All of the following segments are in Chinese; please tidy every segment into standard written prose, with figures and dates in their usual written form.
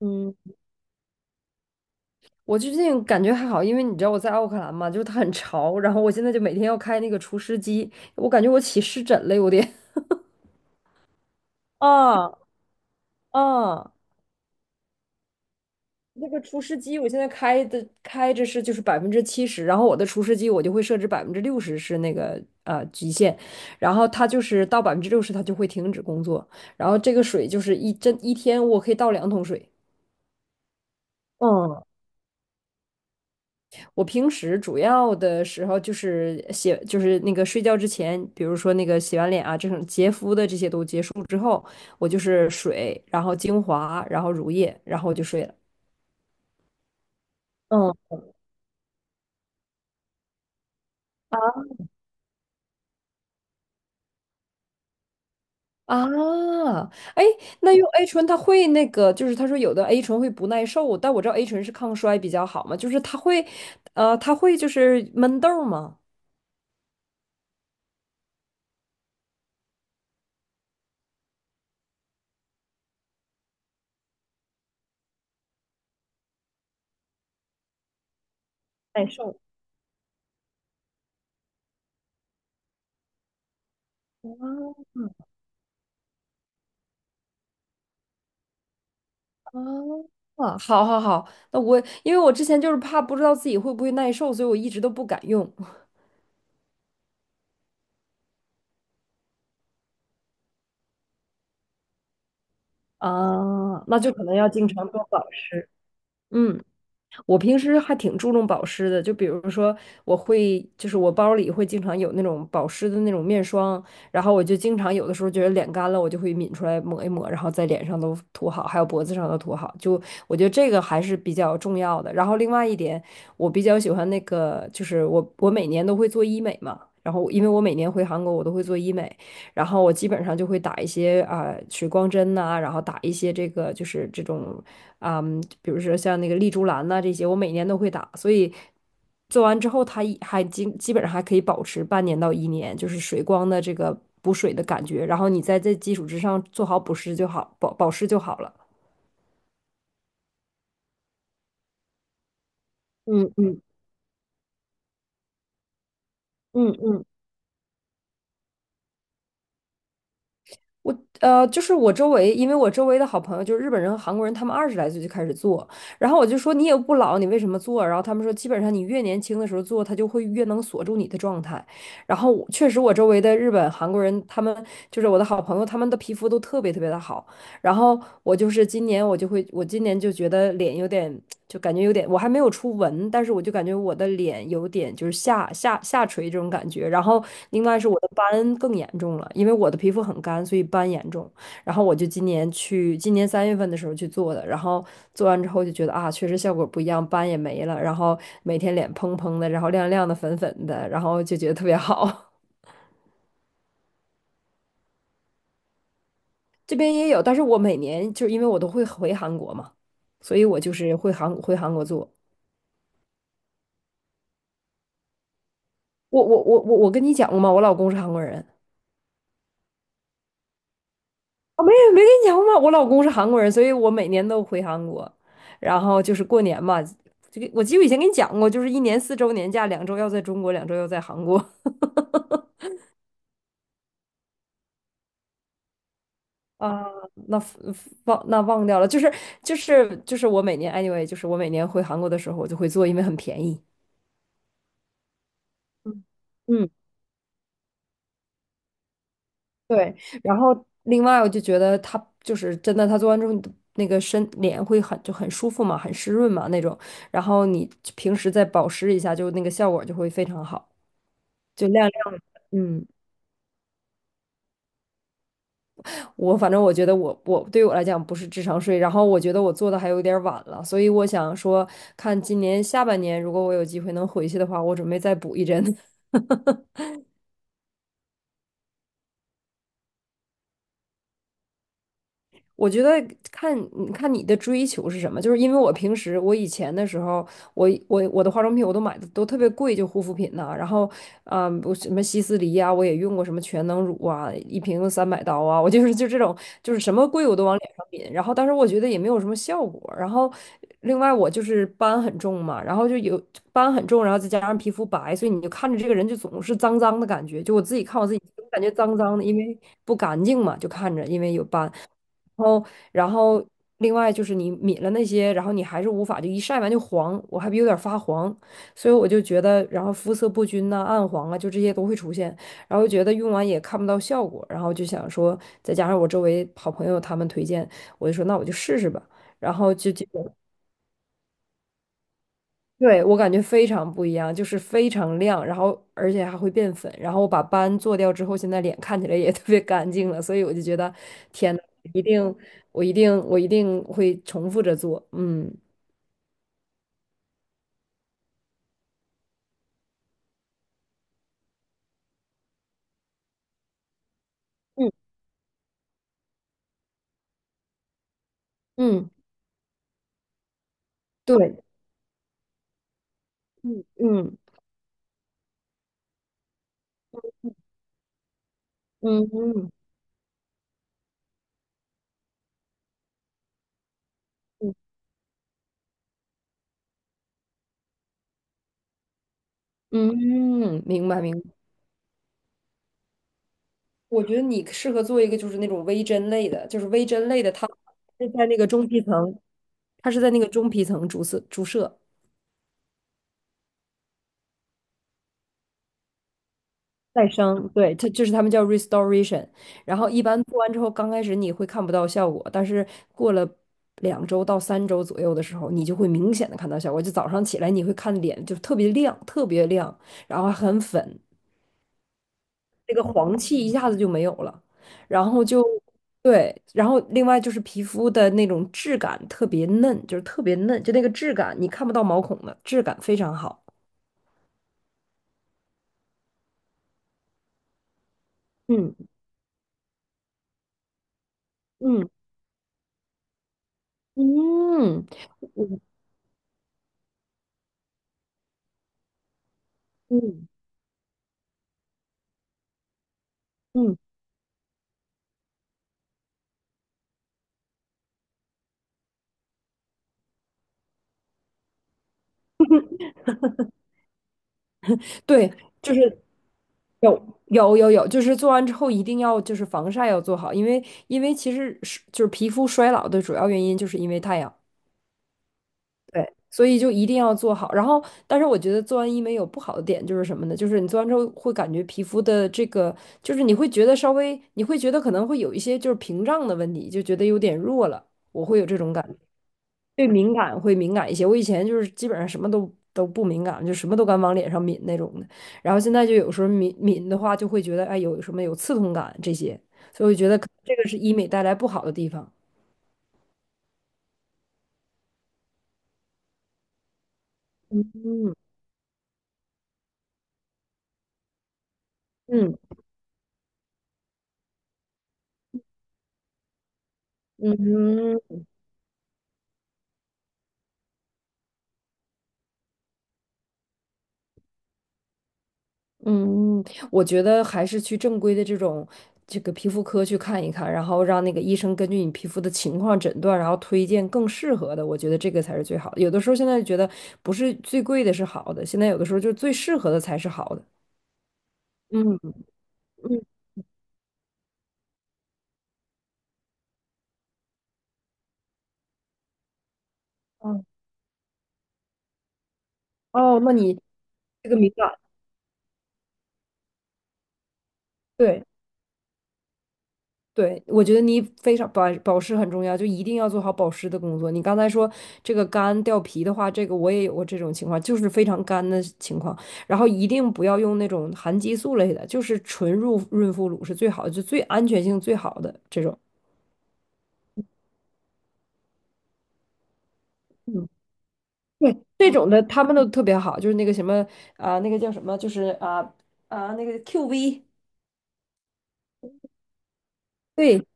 嗯，我最近感觉还好，因为你知道我在奥克兰嘛，就是它很潮，然后我现在就每天要开那个除湿机，我感觉我起湿疹了，有点。啊啊，那个除湿机我现在开着就是70%，然后我的除湿机我就会设置百分之六十是那个极限，然后它就是到百分之六十它就会停止工作，然后这个水就是一天我可以倒2桶水。嗯。我平时主要的时候就是写，就是那个睡觉之前，比如说那个洗完脸啊，这种洁肤的这些都结束之后，我就是水，然后精华，然后乳液，然后我就睡了。嗯啊，哎，那用 A 醇它会那个，就是他说有的 A 醇会不耐受，但我知道 A 醇是抗衰比较好嘛，就是它会就是闷痘儿吗？耐受。啊哦，啊，好好好，那我因为我之前就是怕不知道自己会不会耐受，所以我一直都不敢用。啊，那就可能要经常做保湿。嗯。我平时还挺注重保湿的，就比如说，我会就是我包里会经常有那种保湿的那种面霜，然后我就经常有的时候觉得脸干了，我就会抿出来抹一抹，然后在脸上都涂好，还有脖子上都涂好。就我觉得这个还是比较重要的。然后另外一点，我比较喜欢那个，就是我每年都会做医美嘛，然后因为我每年回韩国，我都会做医美，然后我基本上就会打一些水光针呐、然后打一些这个就是这种比如说像那个丽珠兰呐、这些，我每年都会打，所以做完之后它一还基基本上还可以保持半年到一年，就是水光的这个补水的感觉，然后你在这基础之上做好补湿就好，保湿就好了。嗯嗯嗯嗯，我就是我周围，因为我周围的好朋友就是日本人和韩国人，他们20来岁就开始做，然后我就说你也不老，你为什么做？然后他们说，基本上你越年轻的时候做，它就会越能锁住你的状态。然后我确实，我周围的日本、韩国人，他们就是我的好朋友，他们的皮肤都特别特别的好，然后我就是今年我就会，我今年就觉得脸有点，就感觉有点，我还没有出纹，但是我就感觉我的脸有点就是下垂这种感觉。然后另外是我的斑更严重了，因为我的皮肤很干，所以斑严重。然后我就今年去，今年3月份的时候去做的，然后做完之后就觉得啊，确实效果不一样，斑也没了，然后每天脸嘭嘭的，然后亮亮的、粉粉的，然后就觉得特别好。这边也有，但是我每年就是因为我都会回韩国嘛，所以我就是会回韩国做。我跟你讲过吗？我老公是韩国人。啊，没有没跟你讲过吗？我老公是韩国人，所以我每年都回韩国。然后就是过年嘛，这个我记得我以前跟你讲过，就是一年4周年假，两周要在中国，两周要在韩国。啊，那 忘掉了，就是我每年 anyway，就是我每年回韩国的时候，我就会做，因为很便宜。嗯，嗯，对，然后另外我就觉得它就是真的，它做完之后你的那个脸会很舒服嘛，很湿润嘛那种，然后你平时再保湿一下，就那个效果就会非常好，就亮亮的。嗯，我反正我觉得我对我来讲不是智商税，然后我觉得我做的还有点儿晚了，所以我想说，看今年下半年如果我有机会能回去的话，我准备再补一针。我觉得看你的追求是什么，就是因为我平时我以前的时候，我的化妆品我都买的都特别贵，就护肤品呐、然后我什么希思黎呀、我也用过什么全能乳啊，一瓶300刀啊，我就是这种就是什么贵我都往脸上抿，然后但是我觉得也没有什么效果，然后另外我就是斑很重嘛，然后就有斑很重，然后再加上皮肤白，所以你就看着这个人就总是脏脏的感觉，就我自己看我自己，我感觉脏脏的，因为不干净嘛，就看着因为有斑。然后，然后，另外就是你抿了那些，然后你还是无法就一晒完就黄，我还有点儿发黄，所以我就觉得，然后肤色不均呐、暗黄啊，就这些都会出现，然后觉得用完也看不到效果，然后就想说，再加上我周围好朋友他们推荐，我就说那我就试试吧，然后就结果对，我感觉非常不一样，就是非常亮，然后而且还会变粉，然后我把斑做掉之后，现在脸看起来也 特别干净了，所以我就觉得，天呐，一定，我一定，我一定会重复着做，嗯嗯嗯，对，嗯嗯嗯嗯嗯嗯，明白明白。我觉得你适合做一个就是那种微针类的，就是微针类的，它是在那个中皮层，它是在那个中皮层注射注射。再生，对，它就是他们叫 restoration。然后一般做完之后，刚开始你会看不到效果，但是过了2周到3周左右的时候，你就会明显的看到效果。就早上起来，你会看脸就特别亮，特别亮，然后还很粉，那个黄气一下子就没有了。然后就对，然后另外就是皮肤的那种质感特别嫩，就是特别嫩，就那个质感你看不到毛孔的质感非常好。嗯嗯嗯嗯嗯。嗯，对，就是有有有有，就是做完之后一定要就是防晒要做好，因为其实是就是皮肤衰老的主要原因就是因为太阳，对，所以就一定要做好。然后，但是我觉得做完医美有不好的点就是什么呢？就是你做完之后会感觉皮肤的这个，就是你会觉得稍微，你会觉得可能会有一些就是屏障的问题，就觉得有点弱了，我会有这种感觉。对敏感会敏感一些。我以前就是基本上什么都不敏感，就什么都敢往脸上抿那种的。然后现在就有时候抿抿的话，就会觉得哎有什么有刺痛感这些，所以我觉得可能这个是医美带来不好的地方。嗯嗯嗯嗯，嗯，我觉得还是去正规的这个皮肤科去看一看，然后让那个医生根据你皮肤的情况诊断，然后推荐更适合的。我觉得这个才是最好的。有的时候现在觉得不是最贵的是好的，现在有的时候就最适合的才是好的。嗯嗯，哦哦，那你这个敏感，对对，我觉得你非常保湿很重要，就一定要做好保湿的工作。你刚才说这个干掉皮的话，这个我也有过这种情况，就是非常干的情况。然后一定不要用那种含激素类的，就是纯乳润肤乳是最好的，就最安全性最好的这种。嗯，对，这种的他们都特别好，就是那个什么啊、那个叫什么，就是那个 QV。对。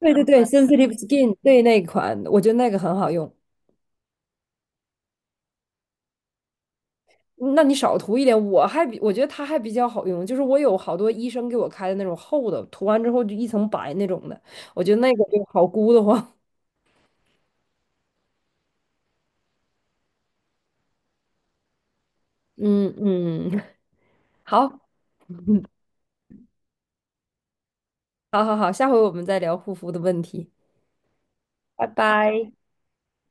对对对，Sensitive Skin，对那款，我觉得那个很好用。嗯那你少涂一点，我觉得它还比较好用，就是我有好多医生给我开的那种厚的，涂完之后就一层白那种的，我觉得那个就好箍得慌。嗯嗯，好，好好好，下回我们再聊护肤的问题，拜拜。